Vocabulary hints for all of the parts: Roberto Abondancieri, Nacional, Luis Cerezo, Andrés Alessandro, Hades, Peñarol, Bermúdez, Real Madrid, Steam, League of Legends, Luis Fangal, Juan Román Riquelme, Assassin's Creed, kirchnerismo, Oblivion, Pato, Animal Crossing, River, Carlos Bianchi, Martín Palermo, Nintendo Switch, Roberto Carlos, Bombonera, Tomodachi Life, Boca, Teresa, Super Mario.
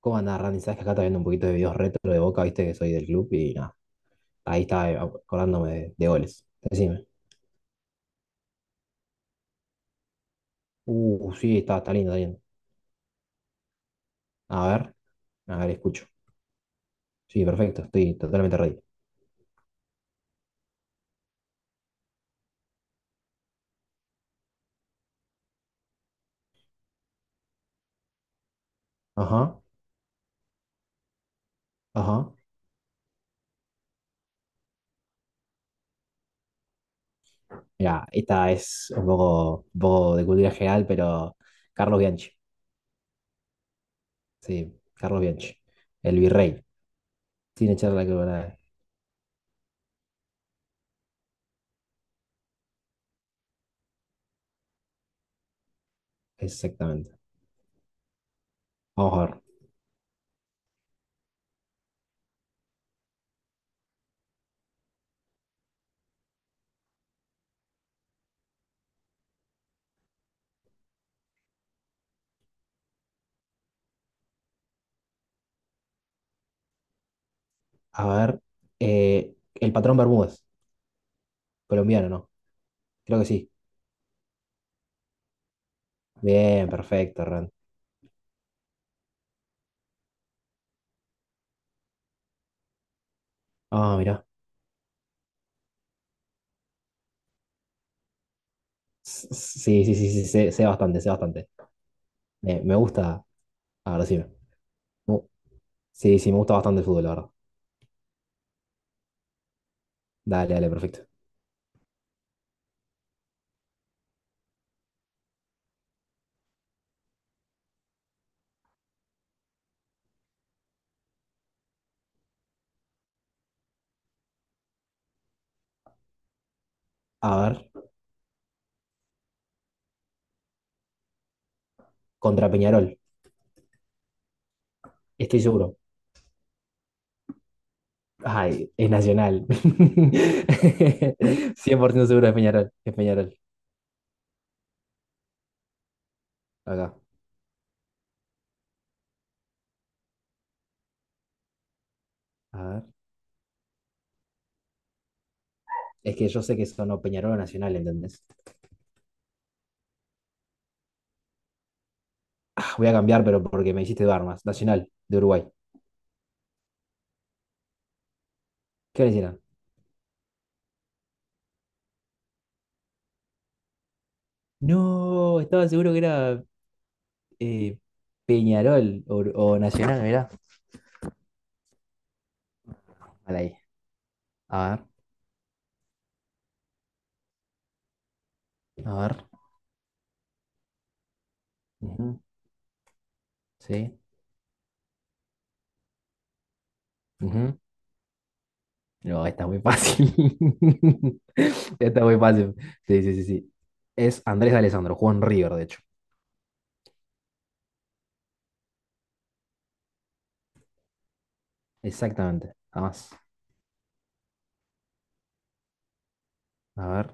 ¿Cómo andás, Randy? Sabes que acá está viendo un poquito de videos retro de Boca, viste que soy del club y nada, ahí estaba acordándome de goles. Decime. Sí, está lindo, está lindo. A ver, a ver, escucho. Sí, perfecto, estoy totalmente ready. Ajá, ajá. Mira, esta es un poco de cultura general, pero Carlos Bianchi. Sí, Carlos Bianchi. El virrey. Sin echar la corona. Exactamente. Vamos a ver. A ver. El patrón Bermúdez. Colombiano, ¿no? Creo que sí. Bien, perfecto, Randy. Ah, mirá. Sí, sí, sí, sí, sé bastante, sé bastante. Me gusta. A ver, decime. Mu- Sí, sí, me gusta bastante el fútbol, la verdad. Dale, dale, perfecto. A ver, contra Peñarol. Estoy seguro. Ay, es Nacional. Cien por ciento seguro es Peñarol. Es Peñarol. Acá. A ver. Es que yo sé que son o Peñarol o Nacional, ¿entendés? Ah, voy a cambiar, pero porque me hiciste dudar más. Nacional, de Uruguay. ¿Qué le hicieron? No, estaba seguro que era eh, Peñarol o Nacional, mira. Mal ahí. A ver, a ver. Ujú, sí. Ujú. No, está muy fácil. Está muy fácil. Sí, sí, sí, sí. Es Andrés Alessandro, jugó en River, de hecho. Exactamente. Nada más. A ver.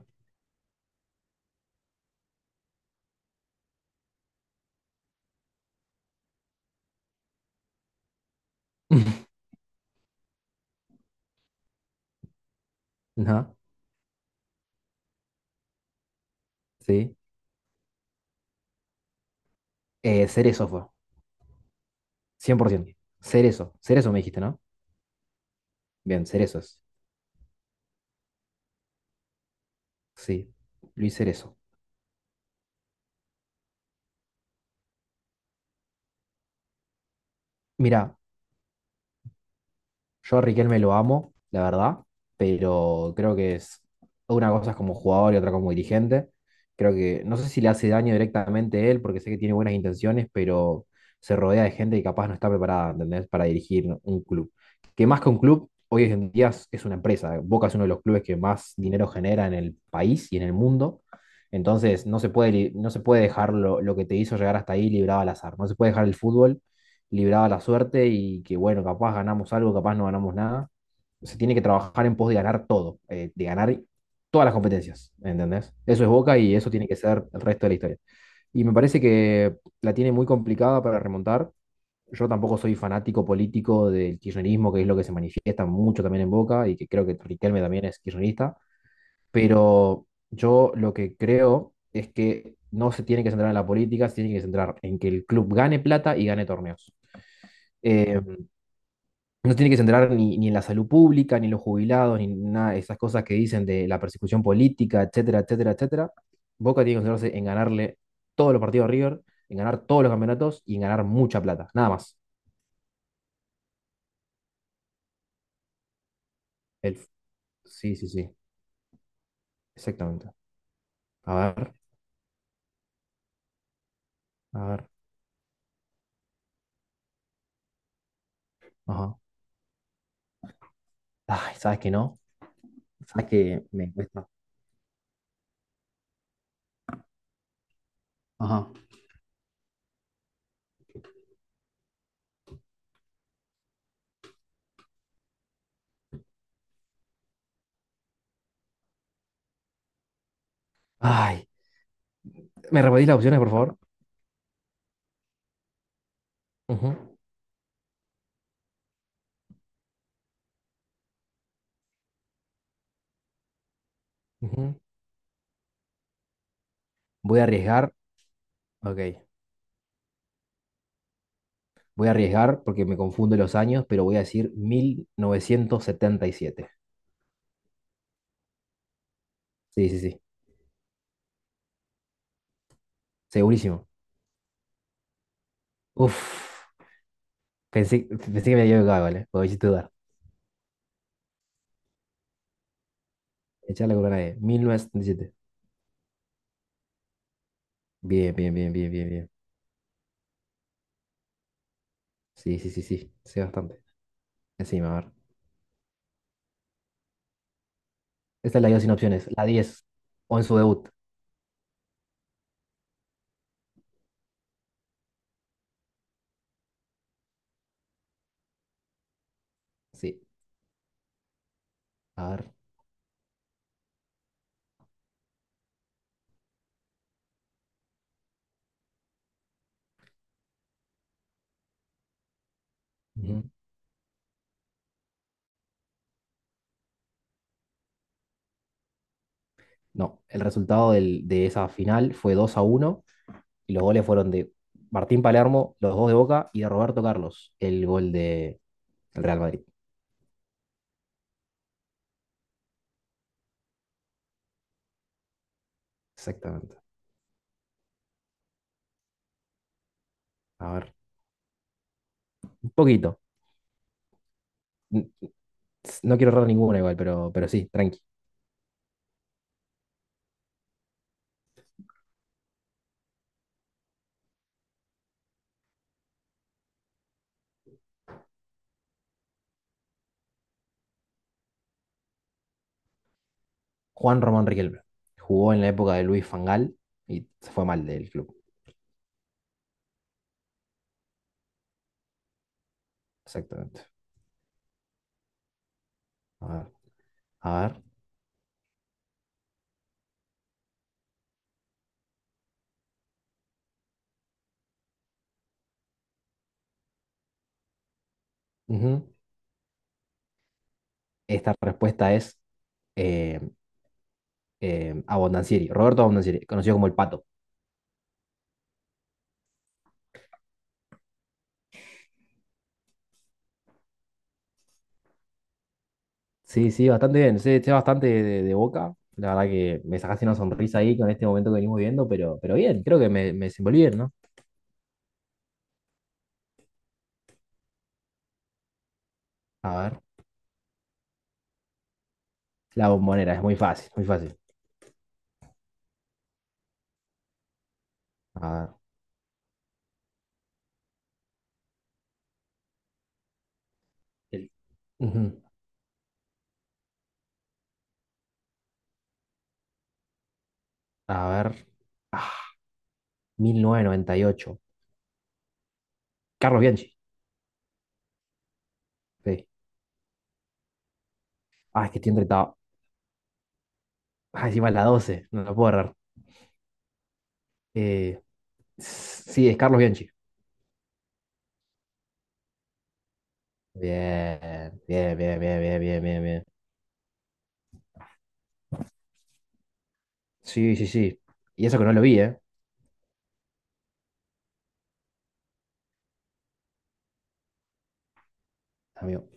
No, sí. Cerezo fue. Cien por ciento. Cerezo. Cerezo me dijiste, ¿no? Bien, Cerezos. Sí. Luis Cerezo. Mira, yo a Riquelme lo amo, la verdad, pero creo que es una cosa es como jugador y otra como dirigente. Creo que no sé si le hace daño directamente a él, porque sé que tiene buenas intenciones, pero se rodea de gente que capaz no está preparada, ¿entendés? Para dirigir un club. Que más que un club, hoy en día es una empresa. Boca es uno de los clubes que más dinero genera en el país y en el mundo. Entonces, no se puede, no se puede dejar lo que te hizo llegar hasta ahí librado al azar. No se puede dejar el fútbol libraba la suerte y que, bueno, capaz ganamos algo, capaz no ganamos nada. Se tiene que trabajar en pos de ganar todo, de ganar todas las competencias, ¿entendés? Eso es Boca y eso tiene que ser el resto de la historia. Y me parece que la tiene muy complicada para remontar. Yo tampoco soy fanático político del kirchnerismo, que es lo que se manifiesta mucho también en Boca y que creo que Riquelme también es kirchnerista, pero yo lo que creo es que no se tiene que centrar en la política, se tiene que centrar en que el club gane plata y gane torneos. Eh, no tiene que centrar ni en la salud pública, ni en los jubilados, ni nada de esas cosas que dicen de la persecución política, etcétera, etcétera, etcétera. Boca tiene que centrarse en ganarle todos los partidos a River, en ganar todos los campeonatos y en ganar mucha plata, nada más. El, sí, sí, sí, exactamente. A ver, a ver, ajá. Ay, ¿sabes que no? ¿Sabes que me cuesta? Ajá. Ay, ¿me repetís las opciones, por favor? Ujú, ujú. Voy a arriesgar. Ok. Voy a arriesgar porque me confundo los años, pero voy a decir 1977. Sí, sí, sí. Segurísimo. Uf. Pensé, pensé que me había equivocado, ¿vale? Lo hiciste dudar. Echar la corona de 1977. Bien, bien, bien, bien, bien, bien. Sí, sí, sí, sí. Sé bastante. Encima, a ver. Esta la dio sin opciones. La 10. O en su debut. Sí. A ver. Ujú. No. El resultado de esa final fue 2 a uno. Y los goles fueron de Martín Palermo, los dos de Boca, y de Roberto Carlos, el gol de el Real Madrid. Exactamente. A ver, un poquito. N- No quiero errar ninguna igual, pero sí, tranqui. Juan Román Riquelme. Jugó en la época de Luis Fangal y se fue mal del club. Exactamente. A ver, a ver. Ujú. Esta respuesta es eh, Abondancieri, Roberto Abondancieri, conocido como el Pato. Sí, sí, bastante bien. Sé bastante de Boca. La verdad que me sacaste una sonrisa ahí con este momento que venimos viendo, pero bien, creo que me desenvolví bien, ¿no? A ver, la bombonera, es muy fácil, muy fácil. A ver. el- Ujú. A ver. Ah, mil novecientos noventa y ocho. Carlos Bianchi. Sí. Ah, es que estoy entretado. Ah, encima es la doce. No la puedo errar. Eh, sí, es Carlos Bianchi. Bien, bien, bien, bien, bien, bien, bien, bien. Sí, sí, sí. Y eso que no lo vi, ¿eh? Amigo.